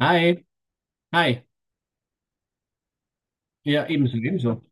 Hi, hi. Ja, ebenso, ebenso.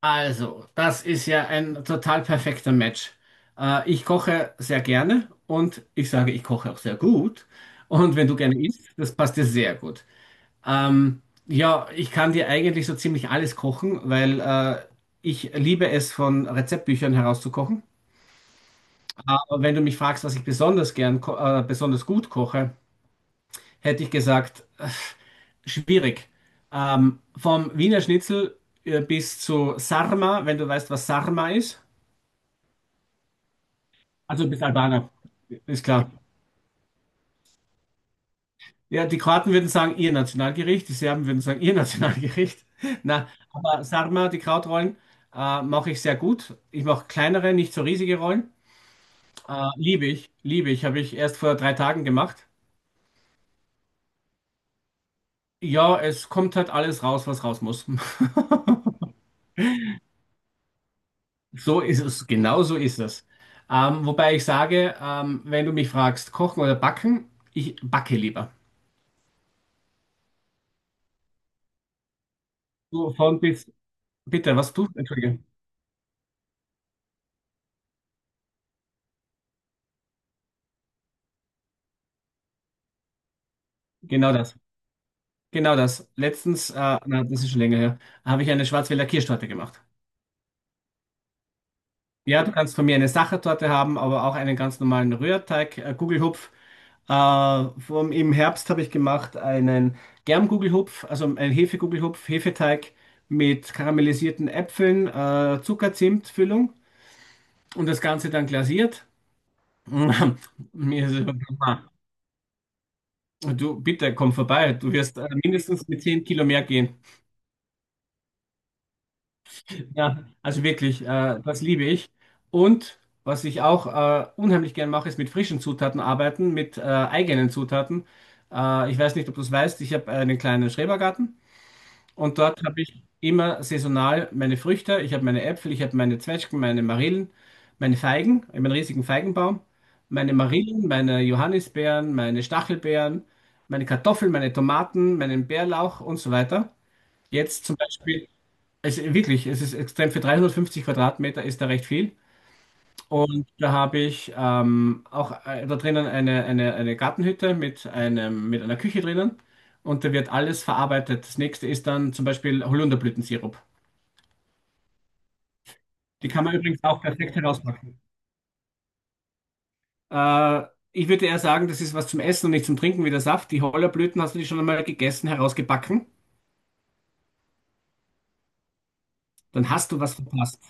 Also, das ist ja ein total perfekter Match. Ich koche sehr gerne und ich sage, ich koche auch sehr gut. Und wenn du gerne isst, das passt dir sehr gut. Ja, ich kann dir eigentlich so ziemlich alles kochen, weil ich liebe es, von Rezeptbüchern herauszukochen. Aber wenn du mich fragst, was ich besonders gern, besonders gut koche, hätte ich gesagt, schwierig. Vom Wiener Schnitzel bis zu Sarma, wenn du weißt, was Sarma ist. Also du bist Albaner, ist klar. Ja, die Kroaten würden sagen, ihr Nationalgericht, die Serben würden sagen, ihr Nationalgericht. Na, aber Sarma, die Krautrollen, mache ich sehr gut. Ich mache kleinere, nicht so riesige Rollen. Liebe ich, liebe ich, habe ich erst vor 3 Tagen gemacht. Ja, es kommt halt alles raus, was raus muss. So ist es, genau so ist es. Wobei ich sage, wenn du mich fragst, kochen oder backen, ich backe lieber. Du von bis, bitte, was tust du? Entschuldige. Genau das. Genau das. Na, das ist schon länger her, habe ich eine Schwarzwälder Kirschtorte gemacht. Ja, du kannst von mir eine Sachertorte haben, aber auch einen ganz normalen Rührteig, Gugelhupf. Im Herbst habe ich gemacht einen Germgugelhupf, also einen Hefegugelhupf, Hefeteig mit karamellisierten Äpfeln, Zucker-Zimt-Füllung. Und das Ganze dann glasiert. Mir ist, du, bitte komm vorbei, du wirst mindestens mit 10 Kilo mehr gehen. Ja, also wirklich, das liebe ich. Und was ich auch unheimlich gern mache, ist mit frischen Zutaten arbeiten, mit eigenen Zutaten. Ich weiß nicht, ob du es weißt, ich habe einen kleinen Schrebergarten. Und dort habe ich immer saisonal meine Früchte. Ich habe meine Äpfel, ich habe meine Zwetschgen, meine Marillen, meine Feigen, ich habe einen riesigen Feigenbaum, meine Marillen, meine Johannisbeeren, meine Stachelbeeren, meine Kartoffeln, meine Tomaten, meinen Bärlauch und so weiter. Jetzt zum Beispiel, also wirklich, es ist extrem, für 350 Quadratmeter ist da recht viel. Und da habe ich auch da drinnen eine Gartenhütte mit einem, mit einer Küche drinnen. Und da wird alles verarbeitet. Das nächste ist dann zum Beispiel Holunderblütensirup. Die kann man übrigens auch perfekt herauspacken. Äh, ich würde eher sagen, das ist was zum Essen und nicht zum Trinken wie der Saft. Die Hollerblüten hast du die schon einmal gegessen, herausgebacken. Dann hast du was verpasst.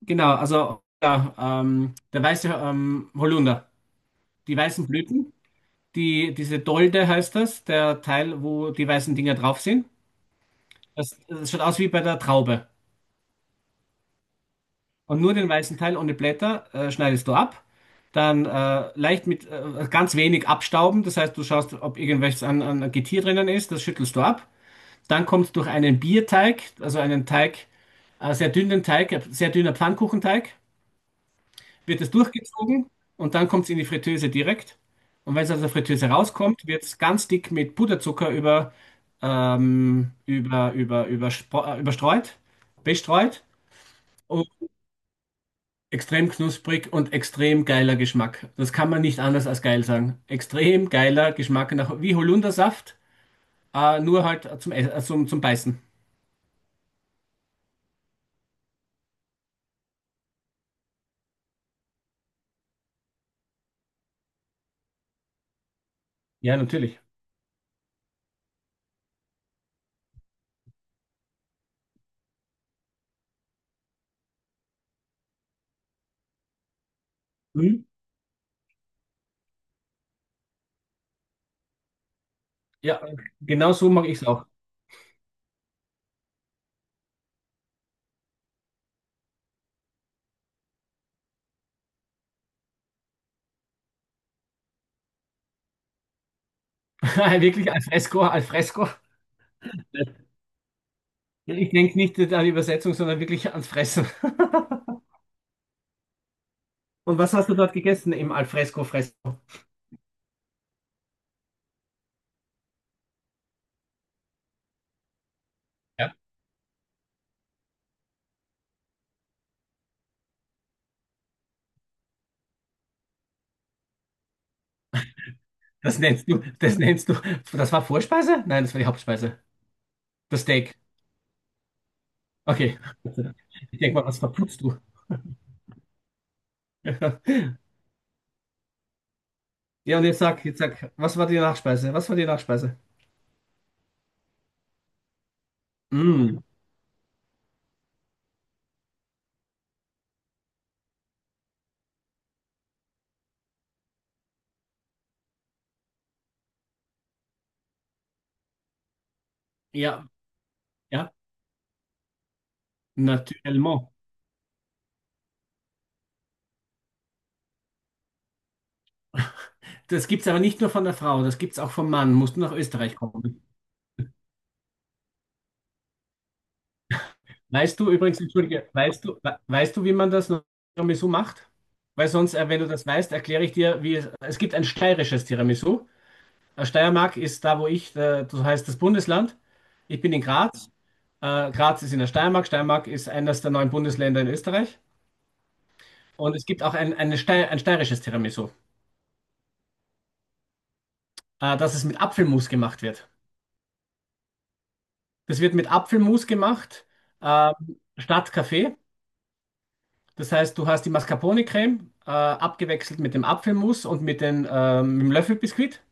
Genau, also ja, der weiße Holunder. Die weißen Blüten, diese Dolde heißt das, der Teil, wo die weißen Dinger drauf sind. Das schaut aus wie bei der Traube. Und nur den weißen Teil ohne Blätter schneidest du ab. Dann leicht mit ganz wenig abstauben. Das heißt, du schaust, ob irgendwelches an Getier drinnen ist. Das schüttelst du ab. Dann kommt durch einen Bierteig, also einen Teig, sehr dünnen Teig, sehr dünner Pfannkuchenteig, wird es durchgezogen und dann kommt es in die Fritteuse direkt. Und wenn es aus der Fritteuse rauskommt, wird es ganz dick mit Puderzucker über, ähm, über, über, überspro- äh, überstreut, bestreut. Extrem knusprig und extrem geiler Geschmack. Das kann man nicht anders als geil sagen. Extrem geiler Geschmack nach, wie Holundersaft, nur halt zum, zum Beißen. Ja, natürlich. Mhm. Ja, genau so mag ich es auch. Wirklich al fresco, al fresco. Ich denke nicht an die Übersetzung, sondern wirklich ans Fressen. Und was hast du dort gegessen im al fresco Fressen? Ja, das nennst du, das war Vorspeise? Nein, das war die Hauptspeise. Das Steak. Okay, ich denke mal, was verputzt du? Ja, und jetzt sag, was war die Nachspeise? Was war die Nachspeise? Mm, ja, ja, natürlich. Das gibt's aber nicht nur von der Frau, das gibt's auch vom Mann. Musst du nach Österreich kommen. Weißt du übrigens, entschuldige, weißt du, wie man das Tiramisu macht? Wenn du das weißt, erkläre ich dir, es gibt ein steirisches Tiramisu. Steiermark ist da, wo ich, das heißt das Bundesland. Ich bin in Graz. Graz ist in der Steiermark. Steiermark ist eines der 9 Bundesländer in Österreich. Und es gibt auch ein steirisches Tiramisu. Dass es mit Apfelmus gemacht wird. Das wird mit Apfelmus gemacht, ähm, statt Kaffee. Das heißt, du hast die Mascarpone-Creme abgewechselt mit dem Apfelmus und mit dem Löffelbiskuit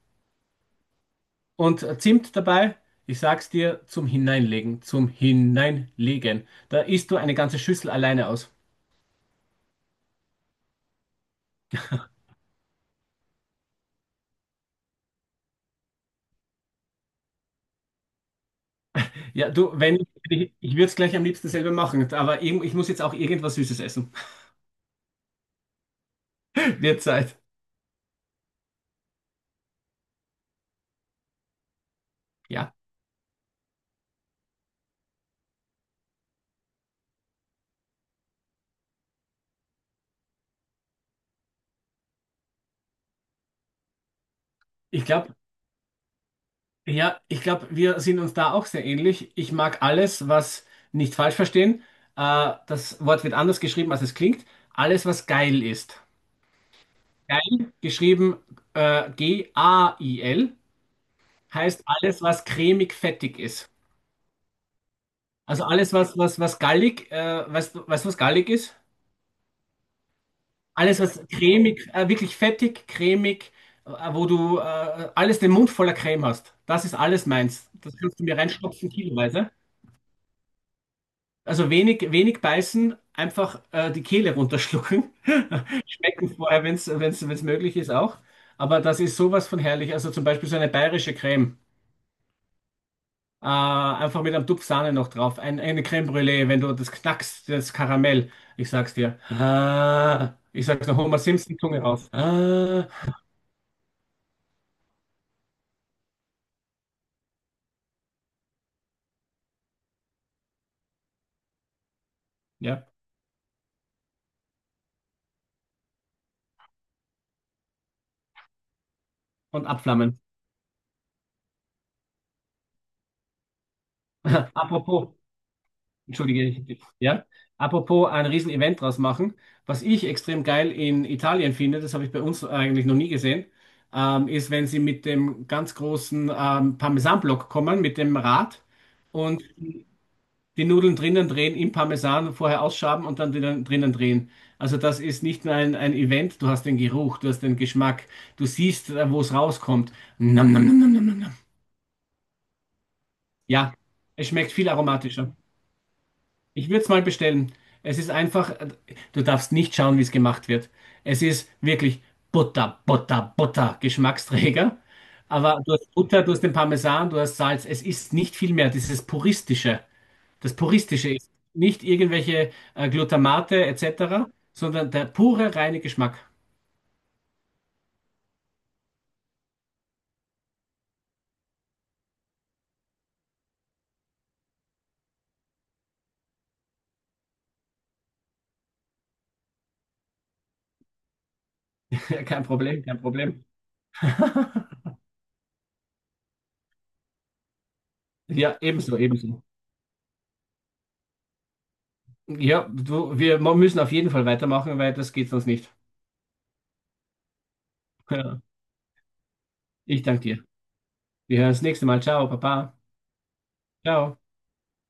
und Zimt dabei. Ich sag's dir, zum Hineinlegen, zum Hineinlegen. Da isst du eine ganze Schüssel alleine aus. Ja, du, wenn ich, ich würde es gleich am liebsten selber machen, aber ich muss jetzt auch irgendwas Süßes essen. Wird Zeit. Ja, ich glaube, Ja, ich glaube, wir sind uns da auch sehr ähnlich. Ich mag alles, was nicht falsch verstehen. Das Wort wird anders geschrieben, als es klingt. Alles, was geil ist. Geil, geschrieben G-A-I-L, heißt alles, was cremig-fettig ist. Also alles, was gallig, weißt du, was gallig ist? Alles, was cremig, wirklich fettig, cremig, wo du alles den Mund voller Creme hast. Das ist alles meins. Das kannst du mir reinstopfen, kiloweise. Also wenig, wenig beißen, einfach die Kehle runterschlucken. Schmecken vorher, wenn es wenn's, wenn's möglich ist, auch. Aber das ist sowas von herrlich. Also zum Beispiel so eine bayerische Creme. Einfach mit einem Tupf Sahne noch drauf. Eine Creme Brûlée, wenn du das knackst, das Karamell. Ich sag's dir. Ah, ich sag's noch Homer Simpson, Zunge raus. Ah, ja, und abflammen. Apropos, Entschuldige, ja. Apropos ein Riesen-Event draus machen, was ich extrem geil in Italien finde, das habe ich bei uns eigentlich noch nie gesehen, ist, wenn sie mit dem ganz großen Parmesanblock kommen, mit dem Rad und die Nudeln drinnen drehen, im Parmesan vorher ausschaben und dann drinnen drehen. Also das ist nicht nur ein Event, du hast den Geruch, du hast den Geschmack, du siehst, wo es rauskommt. Nam, nam, nam, nam, nam, nam, nam. Ja, es schmeckt viel aromatischer. Ich würde es mal bestellen. Es ist einfach, du darfst nicht schauen, wie es gemacht wird. Es ist wirklich Butter, Butter, Butter, Geschmacksträger. Aber du hast Butter, du hast den Parmesan, du hast Salz. Es ist nicht viel mehr. Dieses Puristische. Das Puristische ist nicht irgendwelche Glutamate etc., sondern der pure, reine Geschmack. Ja, kein Problem, kein Problem. Ja, ebenso, ebenso. Ja, du, müssen auf jeden Fall weitermachen, weil das geht sonst nicht. Ja, ich danke dir. Wir hören das nächste Mal. Ciao, Papa. Ciao.